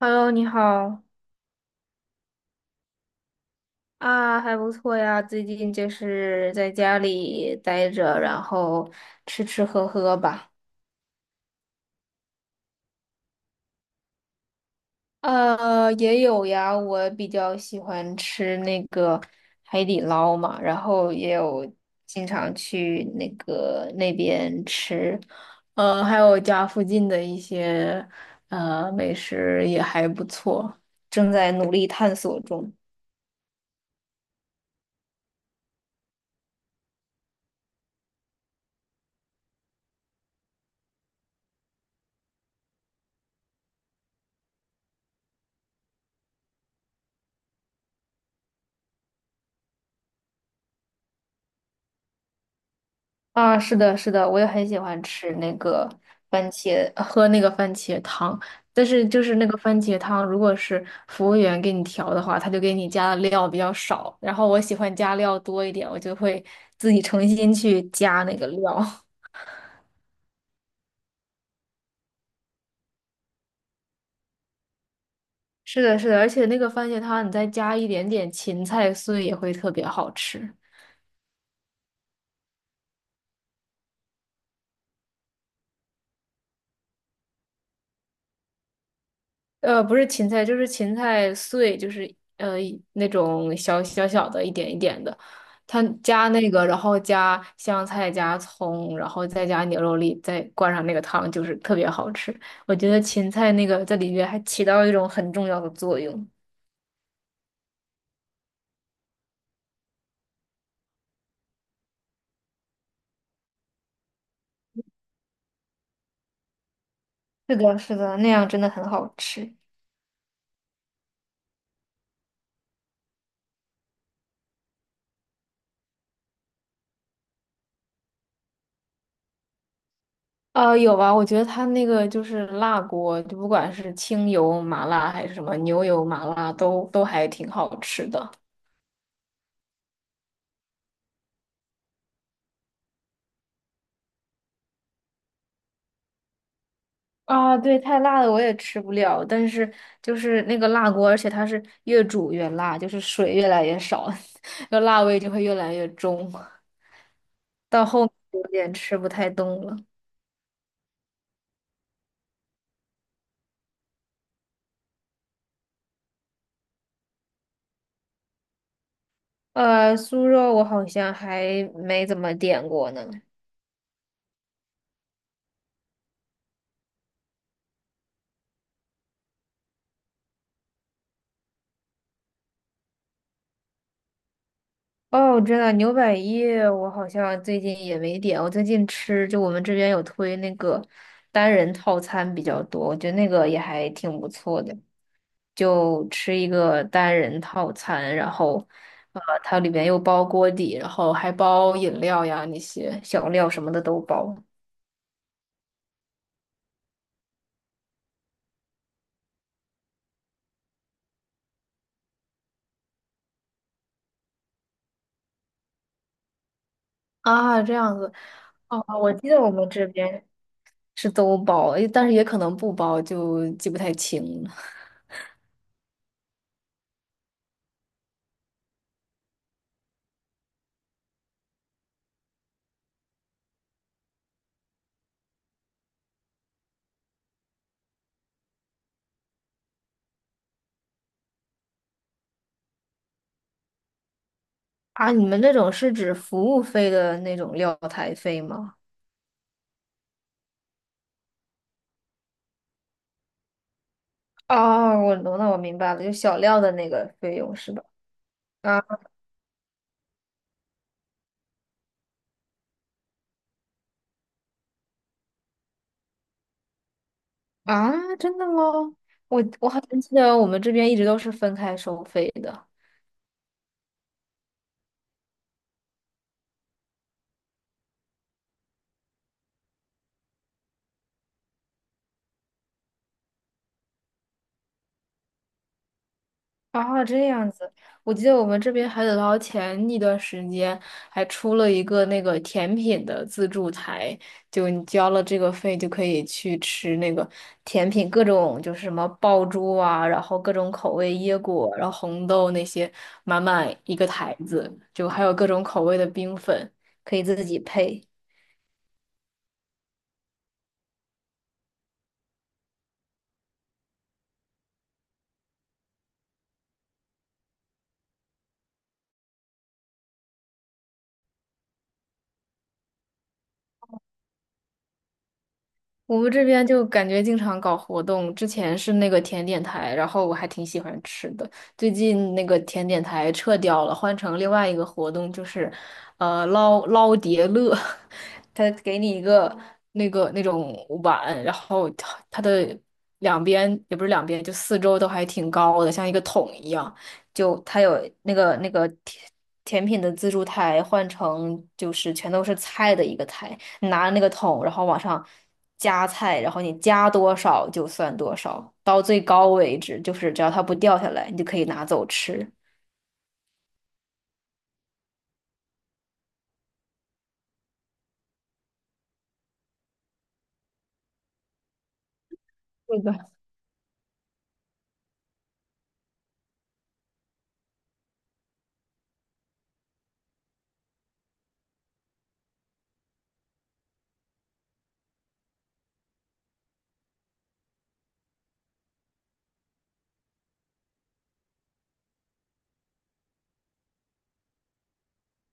Hello，你好啊，还不错呀。最近就是在家里待着，然后吃吃喝喝吧。也有呀，我比较喜欢吃那个海底捞嘛，然后也有经常去那个那边吃。还有家附近的一些美食也还不错，正在努力探索中。啊，是的，是的，我也很喜欢吃那个番茄，喝那个番茄汤。但是就是那个番茄汤，如果是服务员给你调的话，他就给你加的料比较少。然后我喜欢加料多一点，我就会自己重新去加那个料。是的，是的，而且那个番茄汤你再加一点点芹菜碎也会特别好吃。不是芹菜，就是芹菜碎，就是呃那种小小小的，一点一点的。它加那个，然后加香菜、加葱，然后再加牛肉粒，再灌上那个汤，就是特别好吃。我觉得芹菜那个在里面还起到一种很重要的作用。是的，是的，那样真的很好吃。有吧？我觉得它那个就是辣锅，就不管是清油麻辣还是什么牛油麻辣，都还挺好吃的。啊，对，太辣的我也吃不了，但是就是那个辣锅，而且它是越煮越辣，就是水越来越少，那辣味就会越来越重，到后面有点吃不太动了。酥肉我好像还没怎么点过呢。哦，我知道牛百叶，我好像最近也没点。我最近吃，就我们这边有推那个单人套餐比较多，我觉得那个也还挺不错的。就吃一个单人套餐，然后，它里面又包锅底，然后还包饮料呀，那些小料什么的都包。啊，这样子。哦，我记得我们这边是都包，诶但是也可能不包，就记不太清了。啊，你们那种是指服务费的那种料台费吗？哦，我懂了，我明白了，就小料的那个费用是吧？啊啊，真的吗？我好像记得我们这边一直都是分开收费的。哦，这样子，我记得我们这边海底捞前一段时间还出了一个那个甜品的自助台，就你交了这个费就可以去吃那个甜品，各种就是什么爆珠啊，然后各种口味椰果，然后红豆那些，满满一个台子，就还有各种口味的冰粉，可以自己配。我们这边就感觉经常搞活动，之前是那个甜点台，然后我还挺喜欢吃的。最近那个甜点台撤掉了，换成另外一个活动，就是，捞捞叠乐，他给你一个那个那种碗，然后它的两边也不是两边，就四周都还挺高的，像一个桶一样。就它有那个甜品的自助台换成就是全都是菜的一个台。拿着那个桶，然后往上加菜，然后你加多少就算多少，到最高为止，就是只要它不掉下来，你就可以拿走吃。是的，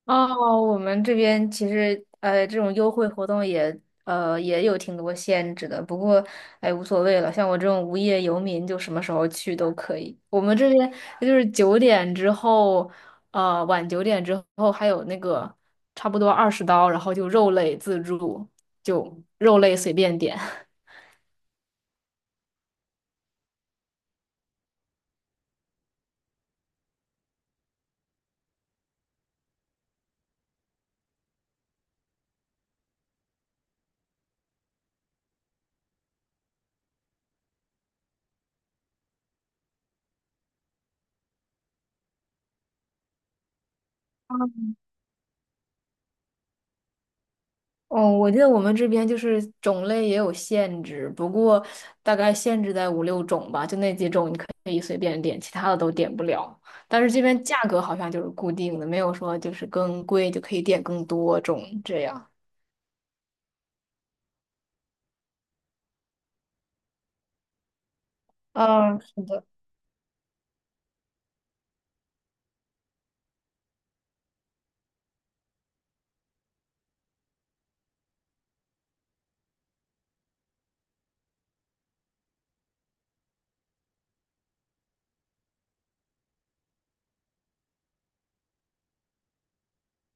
哦，我们这边其实这种优惠活动也有挺多限制的，不过哎无所谓了，像我这种无业游民就什么时候去都可以。我们这边就是九点之后，晚9点之后还有那个差不多20刀，然后就肉类自助，就肉类随便点。哦，我记得我们这边就是种类也有限制，不过大概限制在五六种吧，就那几种你可以随便点，其他的都点不了。但是这边价格好像就是固定的，没有说就是更贵就可以点更多种这样。嗯，是的。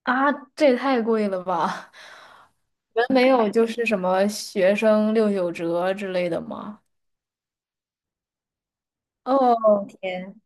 啊，这也太贵了吧！你们没有就是什么学生六九折之类的吗？哦，天。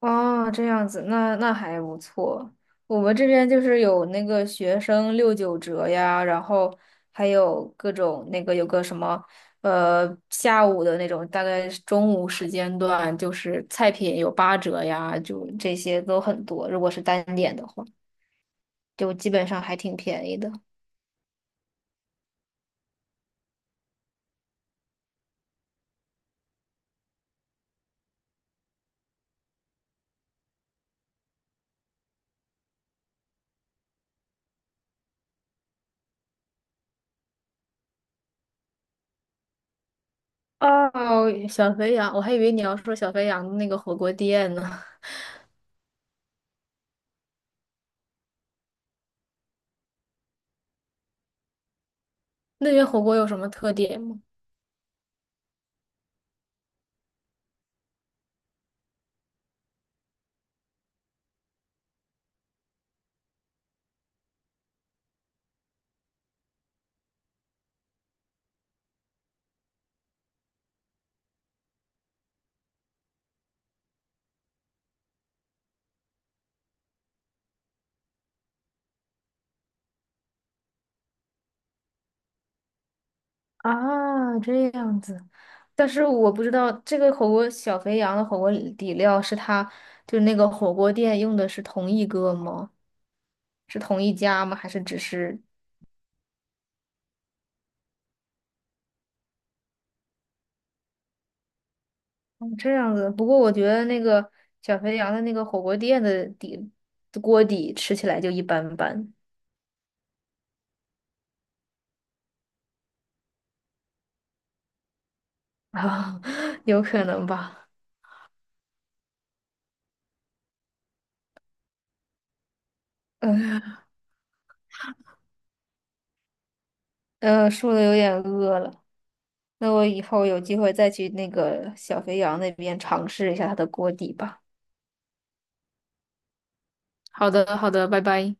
哦，这样子，那还不错。我们这边就是有那个学生六九折呀，然后还有各种那个有个什么下午的那种，大概是中午时间段，就是菜品有8折呀，就这些都很多。如果是单点的话，就基本上还挺便宜的。哦，小肥羊，我还以为你要说小肥羊的那个火锅店呢。那边火锅有什么特点吗？啊，这样子，但是我不知道这个火锅小肥羊的火锅底料是他就是那个火锅店用的是同一个吗？是同一家吗？还是只是哦这样子？不过我觉得那个小肥羊的那个火锅店的底锅底吃起来就一般般啊，有可能吧。嗯，说的有点饿了，那我以后有机会再去那个小肥羊那边尝试一下它的锅底吧。好的，好的，拜拜。